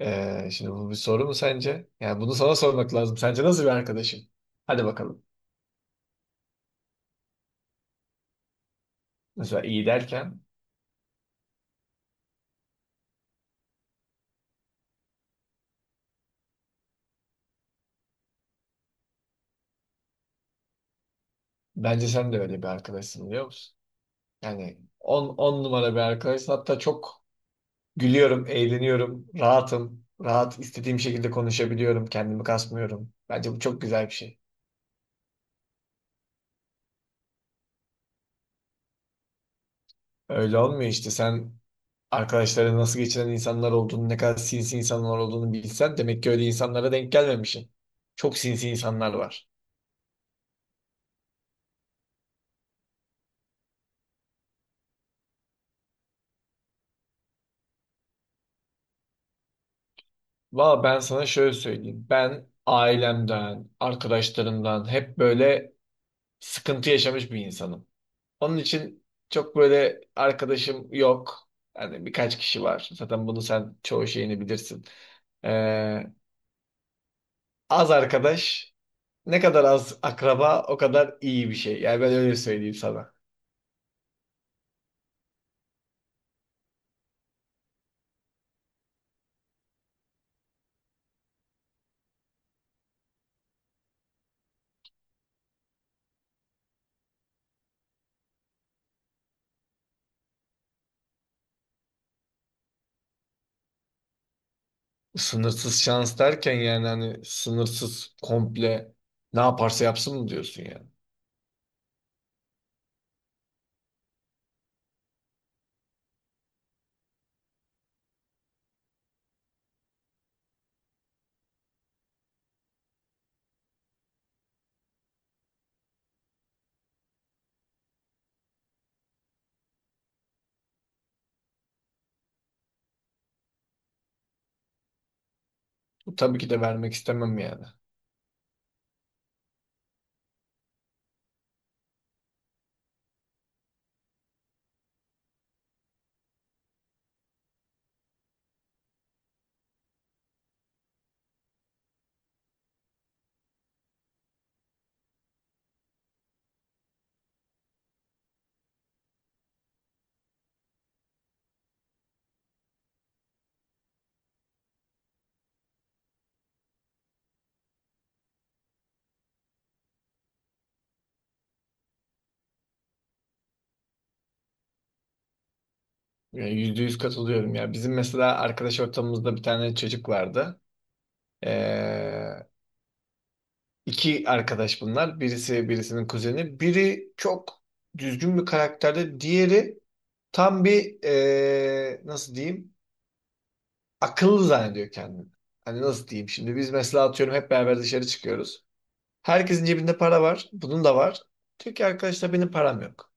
Şimdi bu bir soru mu sence? Yani bunu sana sormak lazım. Sence nasıl bir arkadaşım? Hadi bakalım. Mesela iyi derken bence sen de öyle bir arkadaşsın biliyor musun? Yani 10 10 numara bir arkadaşsın. Hatta çok gülüyorum, eğleniyorum, rahatım. Rahat istediğim şekilde konuşabiliyorum, kendimi kasmıyorum. Bence bu çok güzel bir şey. Öyle olmuyor işte. Arkadaşların nasıl geçinen insanlar olduğunu, ne kadar sinsi insanlar olduğunu bilsen demek ki öyle insanlara denk gelmemişsin. Çok sinsi insanlar var. Valla ben sana şöyle söyleyeyim. Ben ailemden, arkadaşlarımdan hep böyle sıkıntı yaşamış bir insanım. Onun için çok böyle arkadaşım yok. Yani birkaç kişi var. Zaten bunu sen çoğu şeyini bilirsin. Ee, Az arkadaş, ne kadar az akraba o kadar iyi bir şey. Yani ben öyle söyleyeyim sana. Sınırsız şans derken yani hani sınırsız komple ne yaparsa yapsın mı diyorsun yani? Bu tabii ki de vermek istemem yani. Ya, yüzde yüz katılıyorum ya. Bizim mesela arkadaş ortamımızda bir tane çocuk vardı. Ee, iki arkadaş bunlar. Birisi birisinin kuzeni. Biri çok düzgün bir karakterde. Diğeri tam bir nasıl diyeyim akıllı zannediyor kendini. Hani nasıl diyeyim şimdi biz mesela atıyorum hep beraber dışarı çıkıyoruz. Herkesin cebinde para var. Bunun da var. Diyor ki arkadaşlar benim param yok.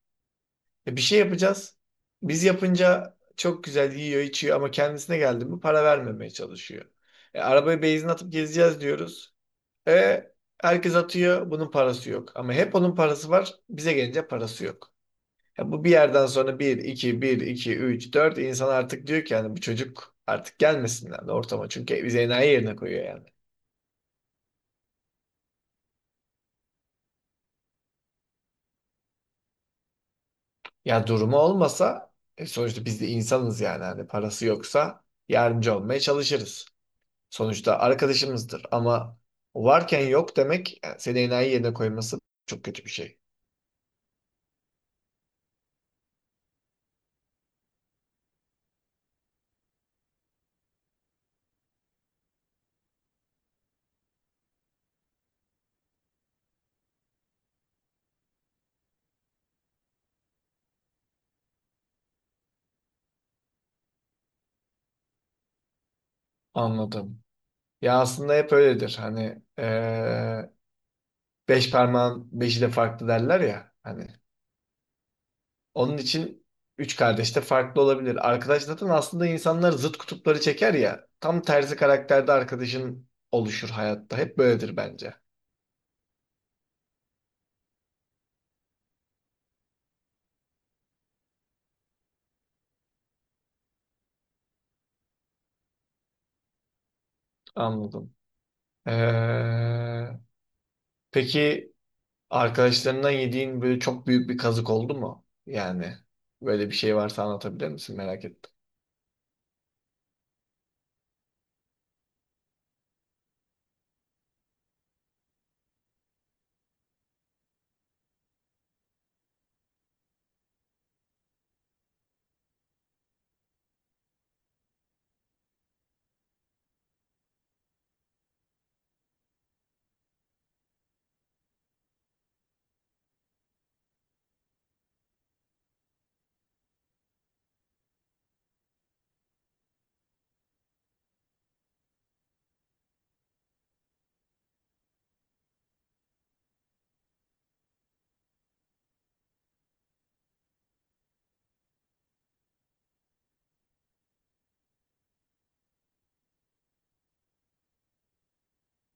Bir şey yapacağız. Biz yapınca çok güzel yiyor, içiyor ama kendisine geldi mi para vermemeye çalışıyor. Arabaya benzin atıp gezeceğiz diyoruz. E, Herkes atıyor, bunun parası yok. Ama hep onun parası var, bize gelince parası yok. Ya bu bir yerden sonra bir, iki, bir, iki, üç, dört insan artık diyor ki yani bu çocuk artık gelmesin yani ortama. Çünkü bizi enayi yerine koyuyor yani. Ya durumu olmasa sonuçta biz de insanız yani. Hani parası yoksa yardımcı olmaya çalışırız. Sonuçta arkadaşımızdır ama varken yok demek yani seni enayi yerine koyması çok kötü bir şey. Anladım. Ya aslında hep öyledir. Hani beş parmağın beşi de farklı derler ya. Hani onun için üç kardeş de farklı olabilir. Arkadaş zaten aslında insanlar zıt kutupları çeker ya. Tam tersi karakterde arkadaşın oluşur hayatta. Hep böyledir bence. Anladım. Eee, peki arkadaşlarından yediğin böyle çok büyük bir kazık oldu mu? Yani böyle bir şey varsa anlatabilir misin? Merak ettim.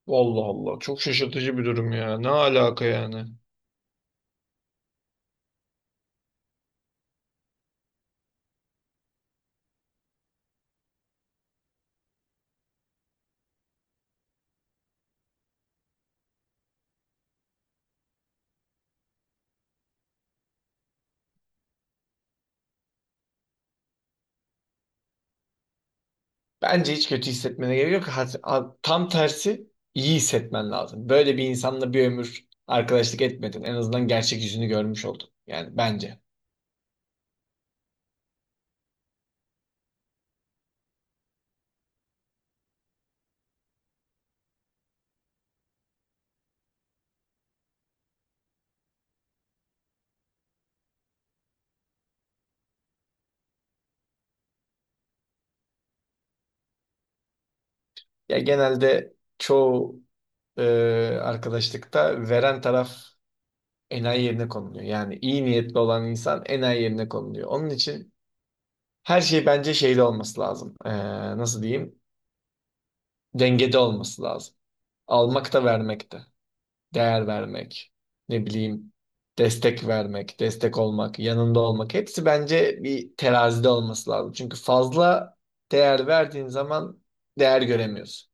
Allah Allah. Çok şaşırtıcı bir durum ya. Ne alaka yani? Bence hiç kötü hissetmene gerek yok. Tam tersi iyi hissetmen lazım. Böyle bir insanla bir ömür arkadaşlık etmedin. En azından gerçek yüzünü görmüş oldun. Yani bence. Ya genelde çoğu e, arkadaşlıkta veren taraf enayi yerine konuluyor. Yani iyi niyetli olan insan enayi yerine konuluyor. Onun için her şey bence şeyde olması lazım. Nasıl diyeyim? Dengede olması lazım. Almak da vermek de. Değer vermek. Ne bileyim. Destek vermek, destek olmak, yanında olmak. Hepsi bence bir terazide olması lazım. Çünkü fazla değer verdiğin zaman değer göremiyorsun.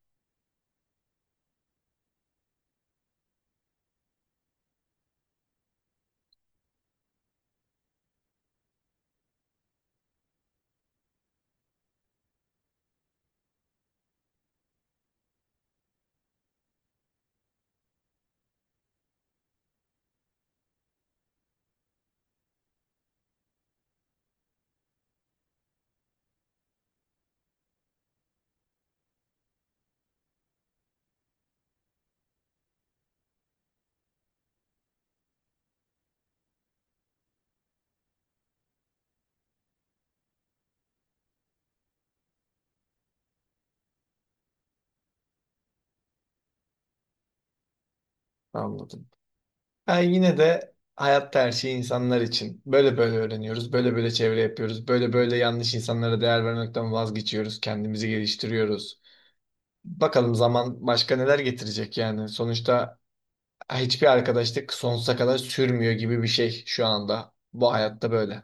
Anladım. Ben yine de hayatta her şey insanlar için. Böyle böyle öğreniyoruz, böyle böyle çevre yapıyoruz, böyle böyle yanlış insanlara değer vermekten vazgeçiyoruz, kendimizi geliştiriyoruz. Bakalım zaman başka neler getirecek yani. Sonuçta hiçbir arkadaşlık sonsuza kadar sürmüyor gibi bir şey şu anda. Bu hayatta böyle.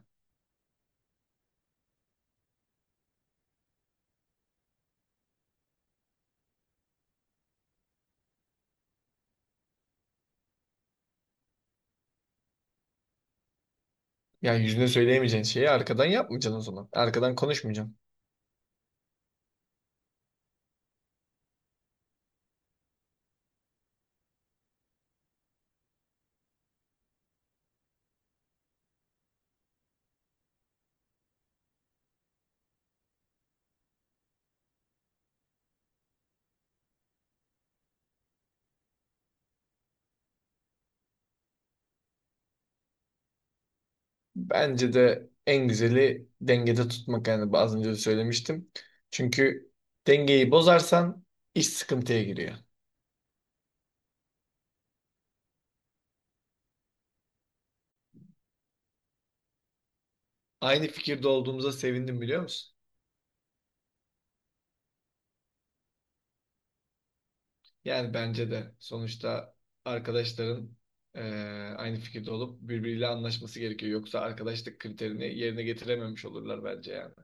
Yani yüzüne söyleyemeyeceğin şeyi arkadan yapmayacaksın o zaman. Arkadan konuşmayacaksın. Bence de en güzeli dengede tutmak yani az önce de söylemiştim. Çünkü dengeyi bozarsan iş sıkıntıya giriyor. Aynı fikirde olduğumuza sevindim biliyor musun? Yani bence de sonuçta arkadaşların eee, aynı fikirde olup birbiriyle anlaşması gerekiyor. Yoksa arkadaşlık kriterini yerine getirememiş olurlar bence yani.